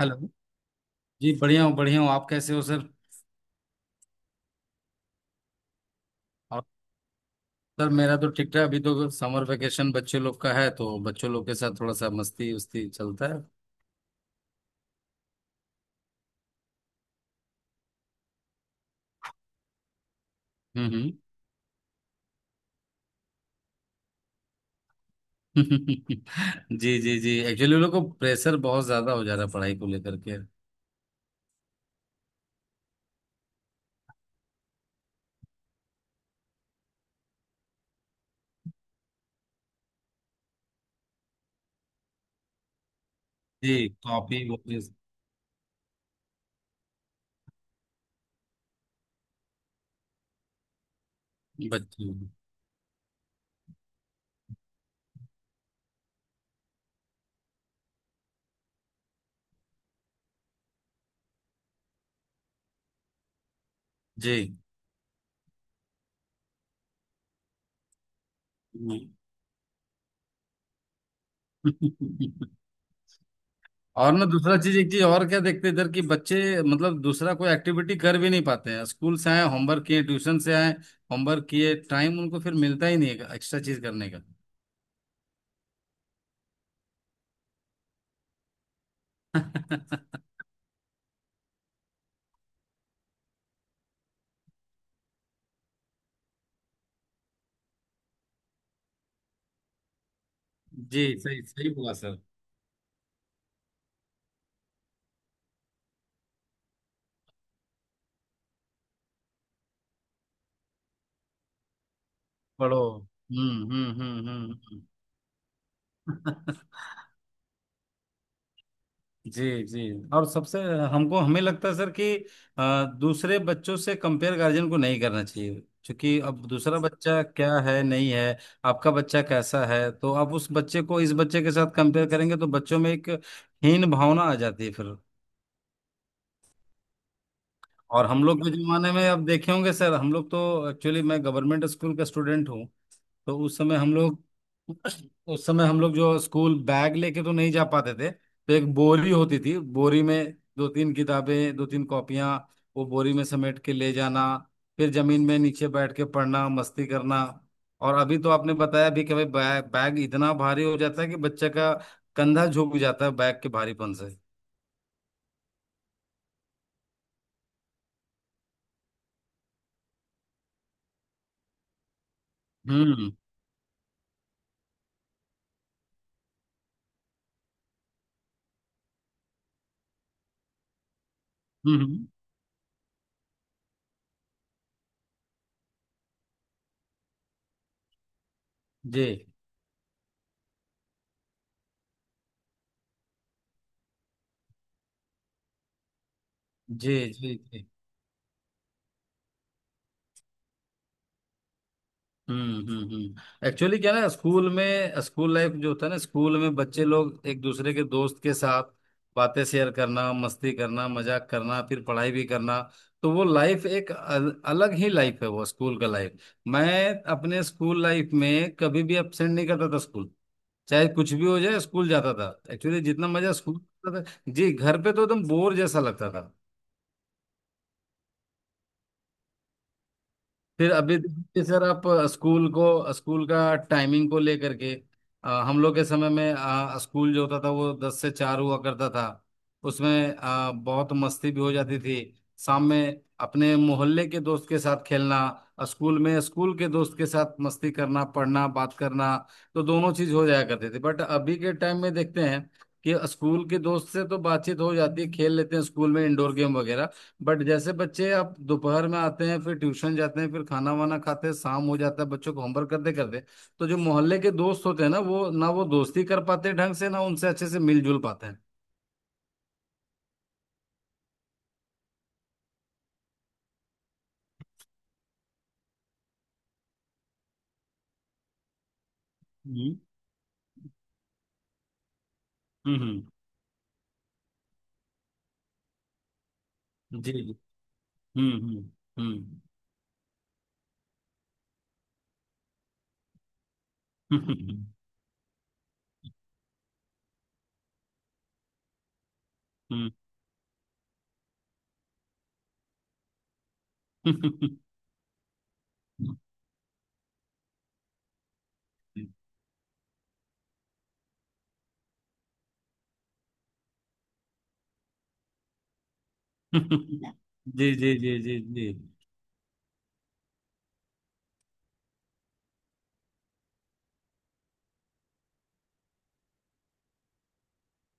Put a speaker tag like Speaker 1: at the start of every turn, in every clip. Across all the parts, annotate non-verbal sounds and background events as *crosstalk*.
Speaker 1: Hello. जी, बढ़िया हूँ बढ़िया हूँ। आप कैसे हो सर? और सर, मेरा तो ठीक ठाक। अभी तो समर वेकेशन बच्चे लोग का है तो बच्चों लोग के साथ थोड़ा सा मस्ती उस्ती चलता है। हम्म, हम्म। *laughs* जी, जी, जी। एक्चुअली उन लोग को प्रेशर बहुत ज्यादा हो जा रहा है पढ़ाई को लेकर के। जी। कॉपी वॉपी। बच्चे। जी। *laughs* और ना, दूसरा चीज, एक चीज और क्या देखते हैं इधर, कि बच्चे मतलब दूसरा कोई एक्टिविटी कर भी नहीं पाते हैं। स्कूल से आए, होमवर्क किए, ट्यूशन से आए, होमवर्क किए, टाइम उनको फिर मिलता ही नहीं है एक्स्ट्रा चीज करने का। *laughs* जी, सही सही बोला सर। पढ़ो। हम्म, हम्म, हम्म, हम्म। हम्म। *laughs* जी, जी। और सबसे हमको हमें लगता है सर कि दूसरे बच्चों से कंपेयर गार्जियन को नहीं करना चाहिए। क्योंकि अब दूसरा बच्चा क्या है, नहीं है, आपका बच्चा कैसा है, तो आप उस बच्चे को इस बच्चे के साथ कंपेयर करेंगे तो बच्चों में एक हीन भावना आ जाती है फिर। और हम लोग के जमाने में अब देखे होंगे सर, हम लोग तो एक्चुअली, मैं गवर्नमेंट स्कूल का स्टूडेंट हूँ। तो उस समय हम लोग जो स्कूल बैग लेके तो नहीं जा पाते थे, तो एक बोरी होती थी। बोरी में दो तीन किताबें, दो तीन कॉपियां, वो बोरी में समेट के ले जाना। फिर जमीन में नीचे बैठ के पढ़ना, मस्ती करना। और अभी तो आपने बताया भी कि भाई, बैग बैग इतना भारी हो जाता है कि बच्चे का कंधा झुक जाता है बैग के भारीपन से। हम्म, हम्म। जी, जी, जी, जी। एक्चुअली क्या ना, स्कूल में, स्कूल लाइफ जो होता है ना, स्कूल में बच्चे लोग एक दूसरे के दोस्त के साथ बातें शेयर करना, मस्ती करना, मजाक करना, फिर पढ़ाई भी करना। तो वो लाइफ एक अलग ही लाइफ है, वो स्कूल का लाइफ। मैं अपने स्कूल लाइफ में कभी भी अपसेंट नहीं करता था स्कूल। चाहे कुछ भी हो जाए स्कूल जाता था। एक्चुअली जितना मजा स्कूल था। जी, घर पे तो एकदम बोर जैसा लगता था। फिर अभी देखिए सर, आप स्कूल का टाइमिंग को लेकर के, हम लोग के समय में स्कूल जो होता था वो 10 से 4 हुआ करता था। उसमें बहुत मस्ती भी हो जाती थी। शाम में अपने मोहल्ले के दोस्त के साथ खेलना, स्कूल में स्कूल के दोस्त के साथ मस्ती करना, पढ़ना, बात करना। तो दोनों चीज हो जाया करते थे। बट अभी के टाइम में देखते हैं कि स्कूल के दोस्त से तो बातचीत हो जाती है, खेल लेते हैं स्कूल में इंडोर गेम वगैरह। बट जैसे बच्चे आप दोपहर में आते हैं, फिर ट्यूशन जाते हैं, फिर खाना वाना खाते हैं, शाम हो जाता है बच्चों को होमवर्क करते करते। तो जो मोहल्ले के दोस्त होते हैं ना, वो दोस्ती कर पाते हैं ढंग से ना, उनसे अच्छे से मिलजुल पाते हैं। हम्म, हम्म। जी, जी। हम्म, हम्म, हम्म, हम्म, हम्म। *laughs* जी, जी, जी, जी, जी।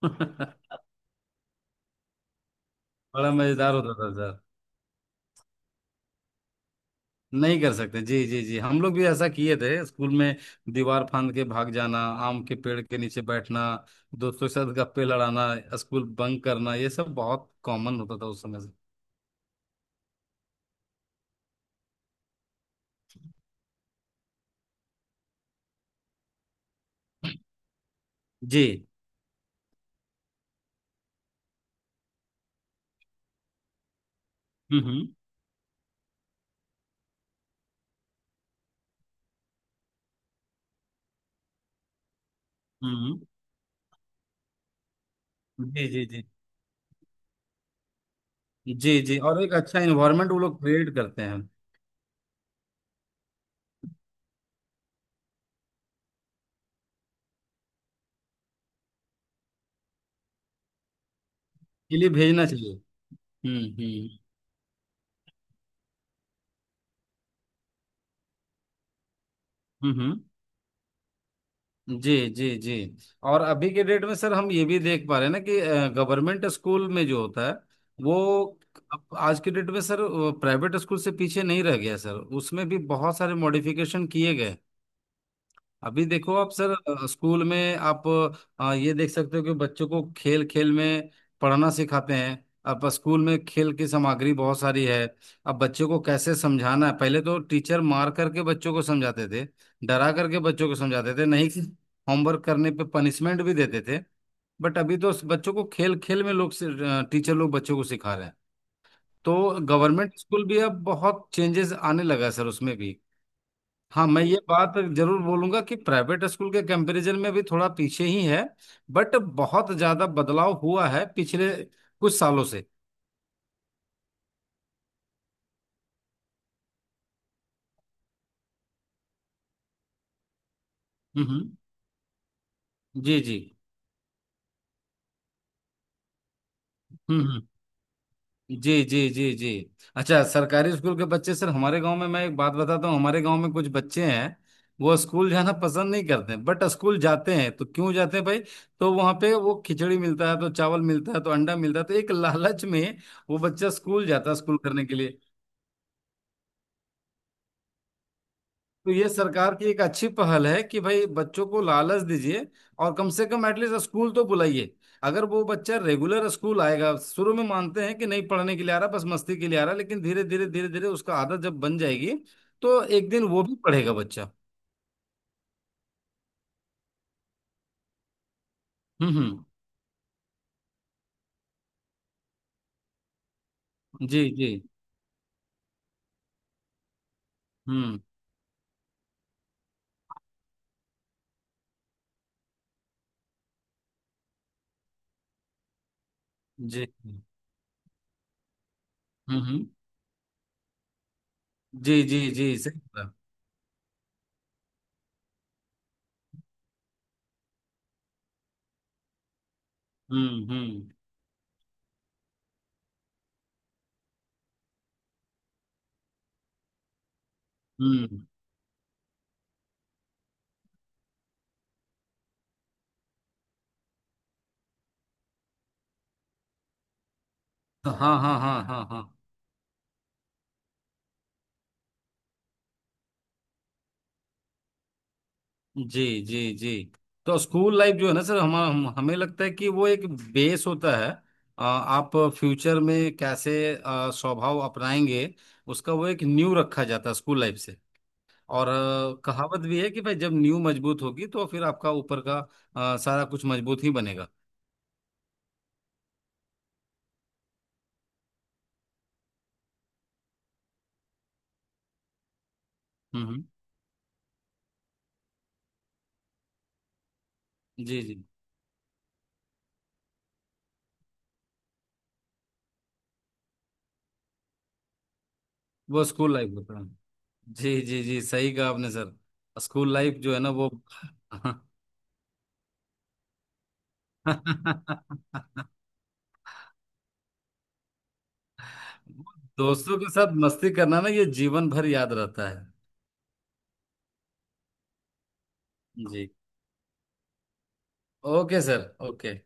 Speaker 1: *laughs* बड़ा मजेदार होता था। नहीं कर सकते। जी, जी, जी। हम लोग भी ऐसा किए थे स्कूल में। दीवार फांद के भाग जाना, आम के पेड़ के नीचे बैठना, दोस्तों के साथ गप्पे लड़ाना, स्कूल बंक करना, ये सब बहुत कॉमन होता था उस समय से। जी। हम्म, हम्म, हम्म। जी, जी, जी, जी, जी। और एक अच्छा इन्वायरमेंट वो लोग क्रिएट करते हैं। के लिए भेजना चाहिए। हम्म, हम्म, हम्म, जी, जी, जी। और अभी के डेट में सर, हम ये भी देख पा रहे हैं ना कि गवर्नमेंट स्कूल में जो होता है वो, अब आज के डेट में सर, प्राइवेट स्कूल से पीछे नहीं रह गया सर। उसमें भी बहुत सारे मॉडिफिकेशन किए गए। अभी देखो आप सर, स्कूल में आप ये देख सकते हो कि बच्चों को खेल खेल में पढ़ना सिखाते हैं। अब स्कूल में खेल की सामग्री बहुत सारी है। अब बच्चों को कैसे समझाना है, पहले तो टीचर मार करके बच्चों को समझाते थे, डरा करके बच्चों को समझाते थे, नहीं होमवर्क करने पे पनिशमेंट भी देते थे। बट अभी तो बच्चों को खेल खेल में लोग, टीचर लोग बच्चों को सिखा रहे हैं। तो गवर्नमेंट स्कूल भी अब बहुत चेंजेस आने लगा है सर, उसमें भी। हाँ, मैं ये बात जरूर बोलूंगा कि प्राइवेट स्कूल के कंपैरिजन में भी थोड़ा पीछे ही है। बट बहुत ज्यादा बदलाव हुआ है पिछले कुछ सालों से। हम्म। जी, जी। हम्म, हम्म। जी, जी, जी, जी। अच्छा, सरकारी स्कूल के बच्चे सर, हमारे गांव में मैं एक बात बताता हूँ। हमारे गांव में कुछ बच्चे हैं, वो स्कूल जाना पसंद नहीं करते, बट स्कूल जाते हैं, तो क्यों जाते हैं भाई? तो वहां पे वो खिचड़ी मिलता है तो, चावल मिलता है तो, अंडा मिलता है तो, एक लालच में वो बच्चा स्कूल जाता है, स्कूल करने के लिए। तो ये सरकार की एक अच्छी पहल है कि भाई, बच्चों को लालच दीजिए और कम से कम एटलीस्ट स्कूल तो बुलाइए। अगर वो बच्चा रेगुलर स्कूल आएगा, शुरू में मानते हैं कि नहीं पढ़ने के लिए आ रहा, बस मस्ती के लिए आ रहा, लेकिन धीरे धीरे धीरे धीरे उसका आदत जब बन जाएगी, तो एक दिन वो भी पढ़ेगा बच्चा। हम्म, हम्म। जी, जी। हम्म। जी। हम्म, हम्म। जी, जी, जी, सही बोला। हम्म, हम्म, हम्म। हाँ, हाँ। हाँ, हाँ, हाँ। जी, जी, जी। तो स्कूल लाइफ जो है ना सर, हम हमें लगता है कि वो एक बेस होता है। आप फ्यूचर में कैसे स्वभाव अपनाएंगे, उसका वो एक नींव रखा जाता है स्कूल लाइफ से। और कहावत भी है कि भाई, जब नींव मजबूत होगी तो फिर आपका ऊपर का सारा कुछ मजबूत ही बनेगा। हम्म, हम्म। जी, जी। वो स्कूल लाइफ होता है। जी, जी, जी, सही कहा आपने सर। स्कूल लाइफ जो है ना वो, *laughs* दोस्तों के साथ मस्ती करना ना, ये जीवन भर याद रहता है। जी। Okay sir, okay.